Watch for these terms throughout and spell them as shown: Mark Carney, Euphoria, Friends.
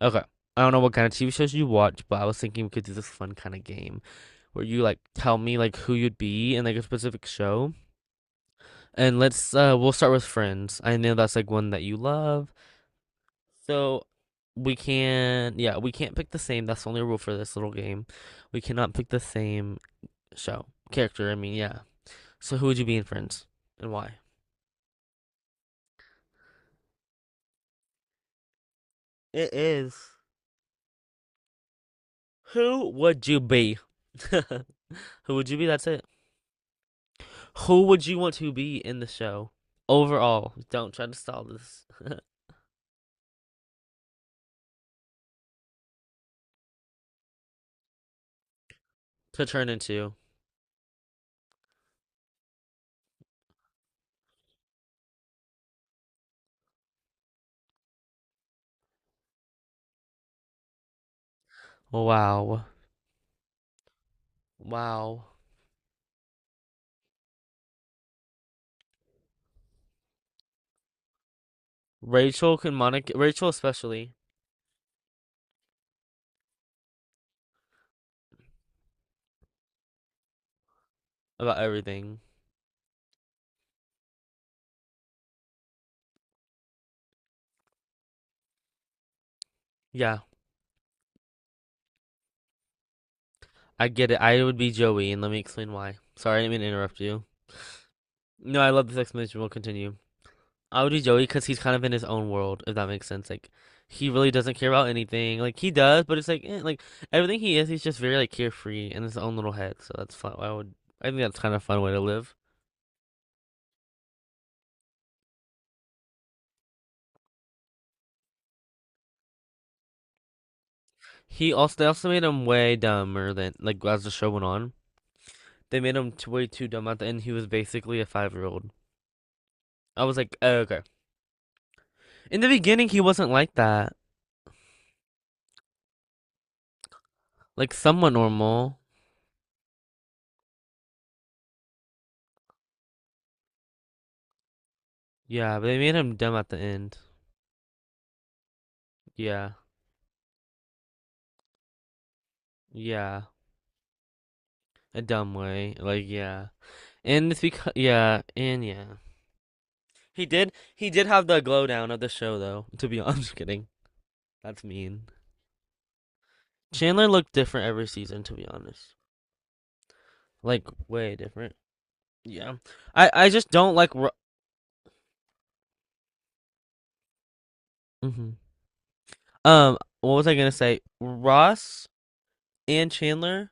Okay. I don't know what kind of TV shows you watch, but I was thinking we could do this fun kind of game where you like tell me like who you'd be in like a specific show. And let's we'll start with Friends. I know that's like one that you love. So we can yeah, we can't pick the same. That's the only rule for this little game. We cannot pick the same show. Character, I mean, yeah. So who would you be in Friends and why? It is who would you be? Who would you be? That's it. Who would you want to be in the show? Overall, don't try to stall this to turn into. Wow. Wow. Rachel can Monica, Rachel especially, about everything. Yeah, I get it. I would be Joey, and let me explain why. Sorry, I didn't mean to interrupt you. No, I love this explanation. We'll continue. I would do Joey because he's kind of in his own world, if that makes sense. Like, he really doesn't care about anything. Like, he does, but it's like, eh, like everything he is, he's just very like carefree in his own little head. So that's fun. I would. I think that's kind of a fun way to live. He also they also made him way dumber than like as the show went on. They made him way too dumb at the end. He was basically a 5-year old. I was like, oh, okay. In the beginning, he wasn't like that. Like somewhat normal. Yeah, but they made him dumb at the end. Yeah, yeah, a dumb way. Like, yeah, and it's because yeah, and yeah. He did have the glow down of the show though. To be honest, I'm just kidding. That's mean. Chandler looked different every season. To be honest, like way different. Yeah, I just don't like. hmm what was I gonna say? Ross and Chandler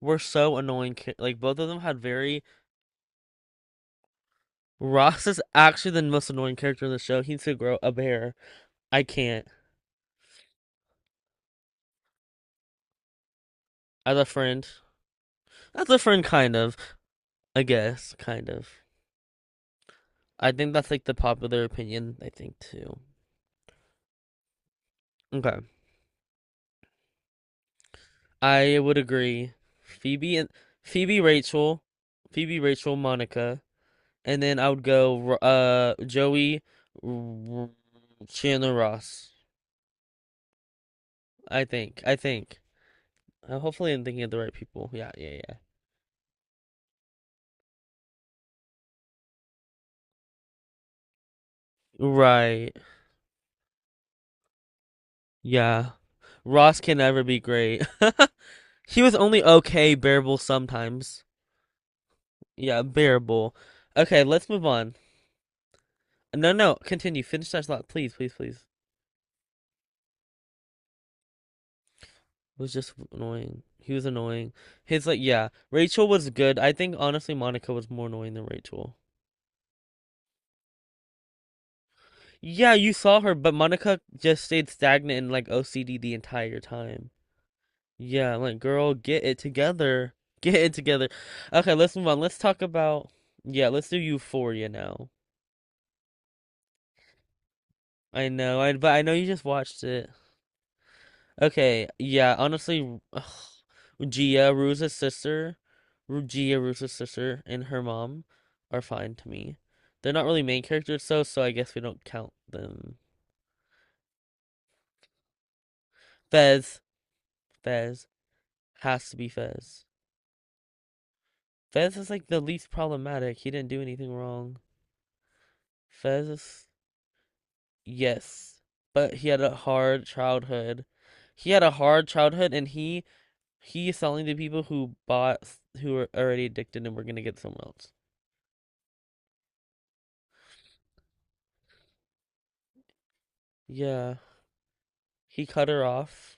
were so annoying. Like, both of them had very. Ross is actually the most annoying character in the show. He needs to grow a bear. I can't. As a friend, as a friend, kind of. I guess, kind of. I think that's like the popular opinion. I think too. Okay, I would agree. Phoebe and Phoebe, Rachel, Phoebe, Rachel, Monica, and then I would go Joey, R- Chandler, Ross. I think. Hopefully, I'm thinking of the right people. Yeah, yeah, yeah. Right. Yeah. Ross can never be great. He was only okay, bearable sometimes. Yeah, bearable. Okay, let's move on. No, no, continue. Finish that thought, please, please, please. It was just annoying. He was annoying. His like, yeah. Rachel was good. I think honestly, Monica was more annoying than Rachel. Yeah, you saw her, but Monica just stayed stagnant and like OCD the entire time. Yeah, like, girl, get it together. Get it together. Okay, let's move on. Let's talk about, yeah, let's do Euphoria now. I know, but I know you just watched it. Okay, yeah, honestly, Gia, Ruza's sister, Gia, Ruza's sister, and her mom are fine to me. They're not really main characters, so I guess we don't count them. Fez, Fez, has to be Fez. Fez is like the least problematic. He didn't do anything wrong. Fez is. Yes, but he had a hard childhood. He had a hard childhood, and he's selling to people who are already addicted and were gonna get someone else. Yeah, he cut her off.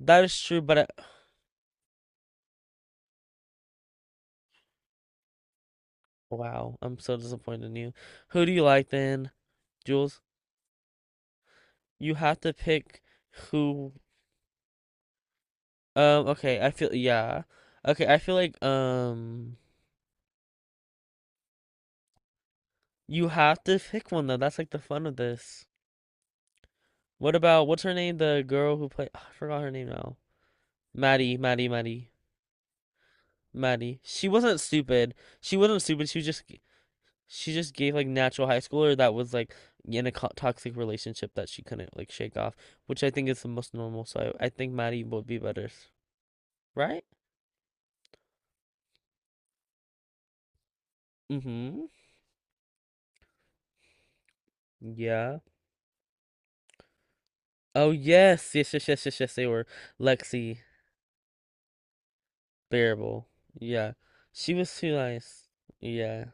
That is true, but wow, I'm so disappointed in you. Who do you like then, Jules? You have to pick who. Okay, I feel yeah. Okay, I feel like you have to pick one though. That's like the fun of this. What's her name? The girl who played I forgot her name now. Maddie, Maddie, Maddie, Maddie. She wasn't stupid. She wasn't stupid. She just gave like natural high schooler that was like in a toxic relationship that she couldn't like shake off, which I think is the most normal. So I think Maddie would be better, right? Mm-hmm. Yeah. Oh yes, yes, yes, yes, yes, yes. They were Lexi. Bearable. Yeah, she was too nice. Yeah,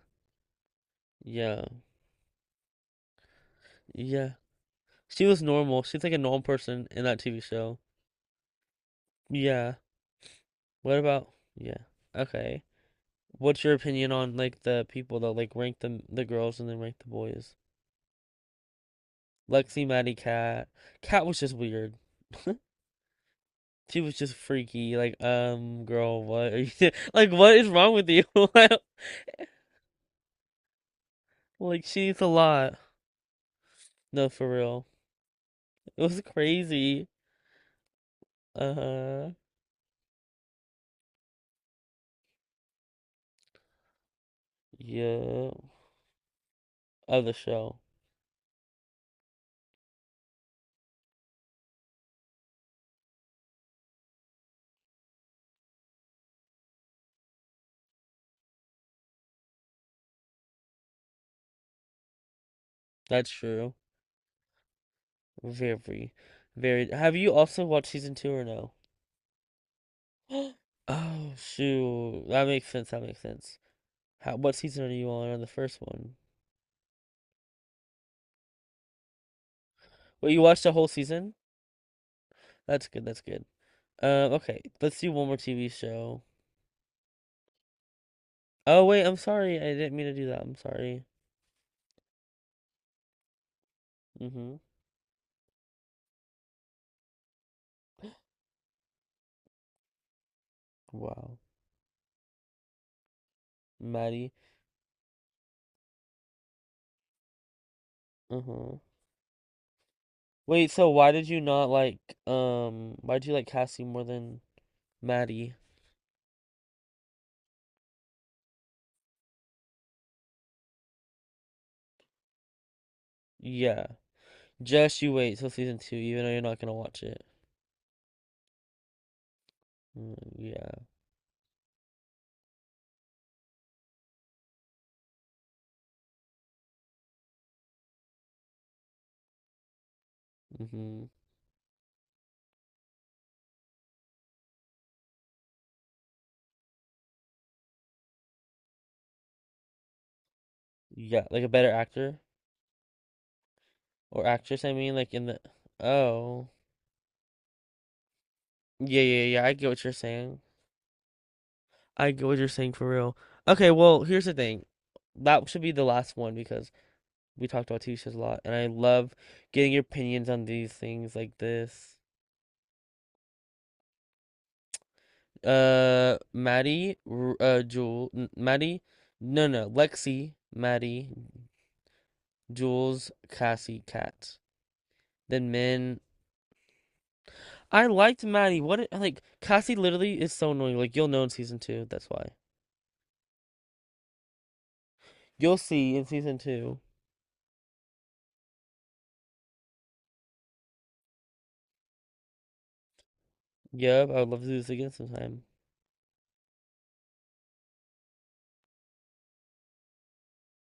yeah, yeah. She was normal. She's like a normal person in that TV show. Yeah. What about yeah. Okay. What's your opinion on like the people that like rank the girls and then rank the boys? Lexi, Maddie, Cat. Cat was just weird. She was just freaky. Like, girl, what are you doing? Like, what is wrong with you? Like, she eats a lot. No, for real. It was crazy. Uh-huh. Yeah. Other show. That's true. Very, very. Have you also watched season two or no? Oh shoot, that makes sense. That makes sense. How, what season are you on? On the first one? Well, you watched the whole season? That's good. That's good. Okay, let's do one more TV show. Oh wait, I'm sorry. I didn't mean to do that. I'm sorry. hmm Wow. Maddie. Uh-huh. Wait, so why did you not like why did you like Cassie more than Maddie? Yeah. Just you wait till season two, even though you're not gonna watch it. Mm, yeah. Hmm. Yeah, like a better actor? Or actress, I mean, like in the. Oh. Yeah, yeah, yeah. I get what you're saying. I get what you're saying for real. Okay, well, here's the thing. That should be the last one because we talked about TV shows a lot, and I love getting your opinions on these things like this. Maddie, Jewel, Maddie, no, no, Lexi, Maddie, Jules, Cassie, Kat. Then men. I liked Maddie. What, like Cassie literally is so annoying. Like, you'll know in season two. That's why. You'll see in season two. Yep, I would love to do this again sometime.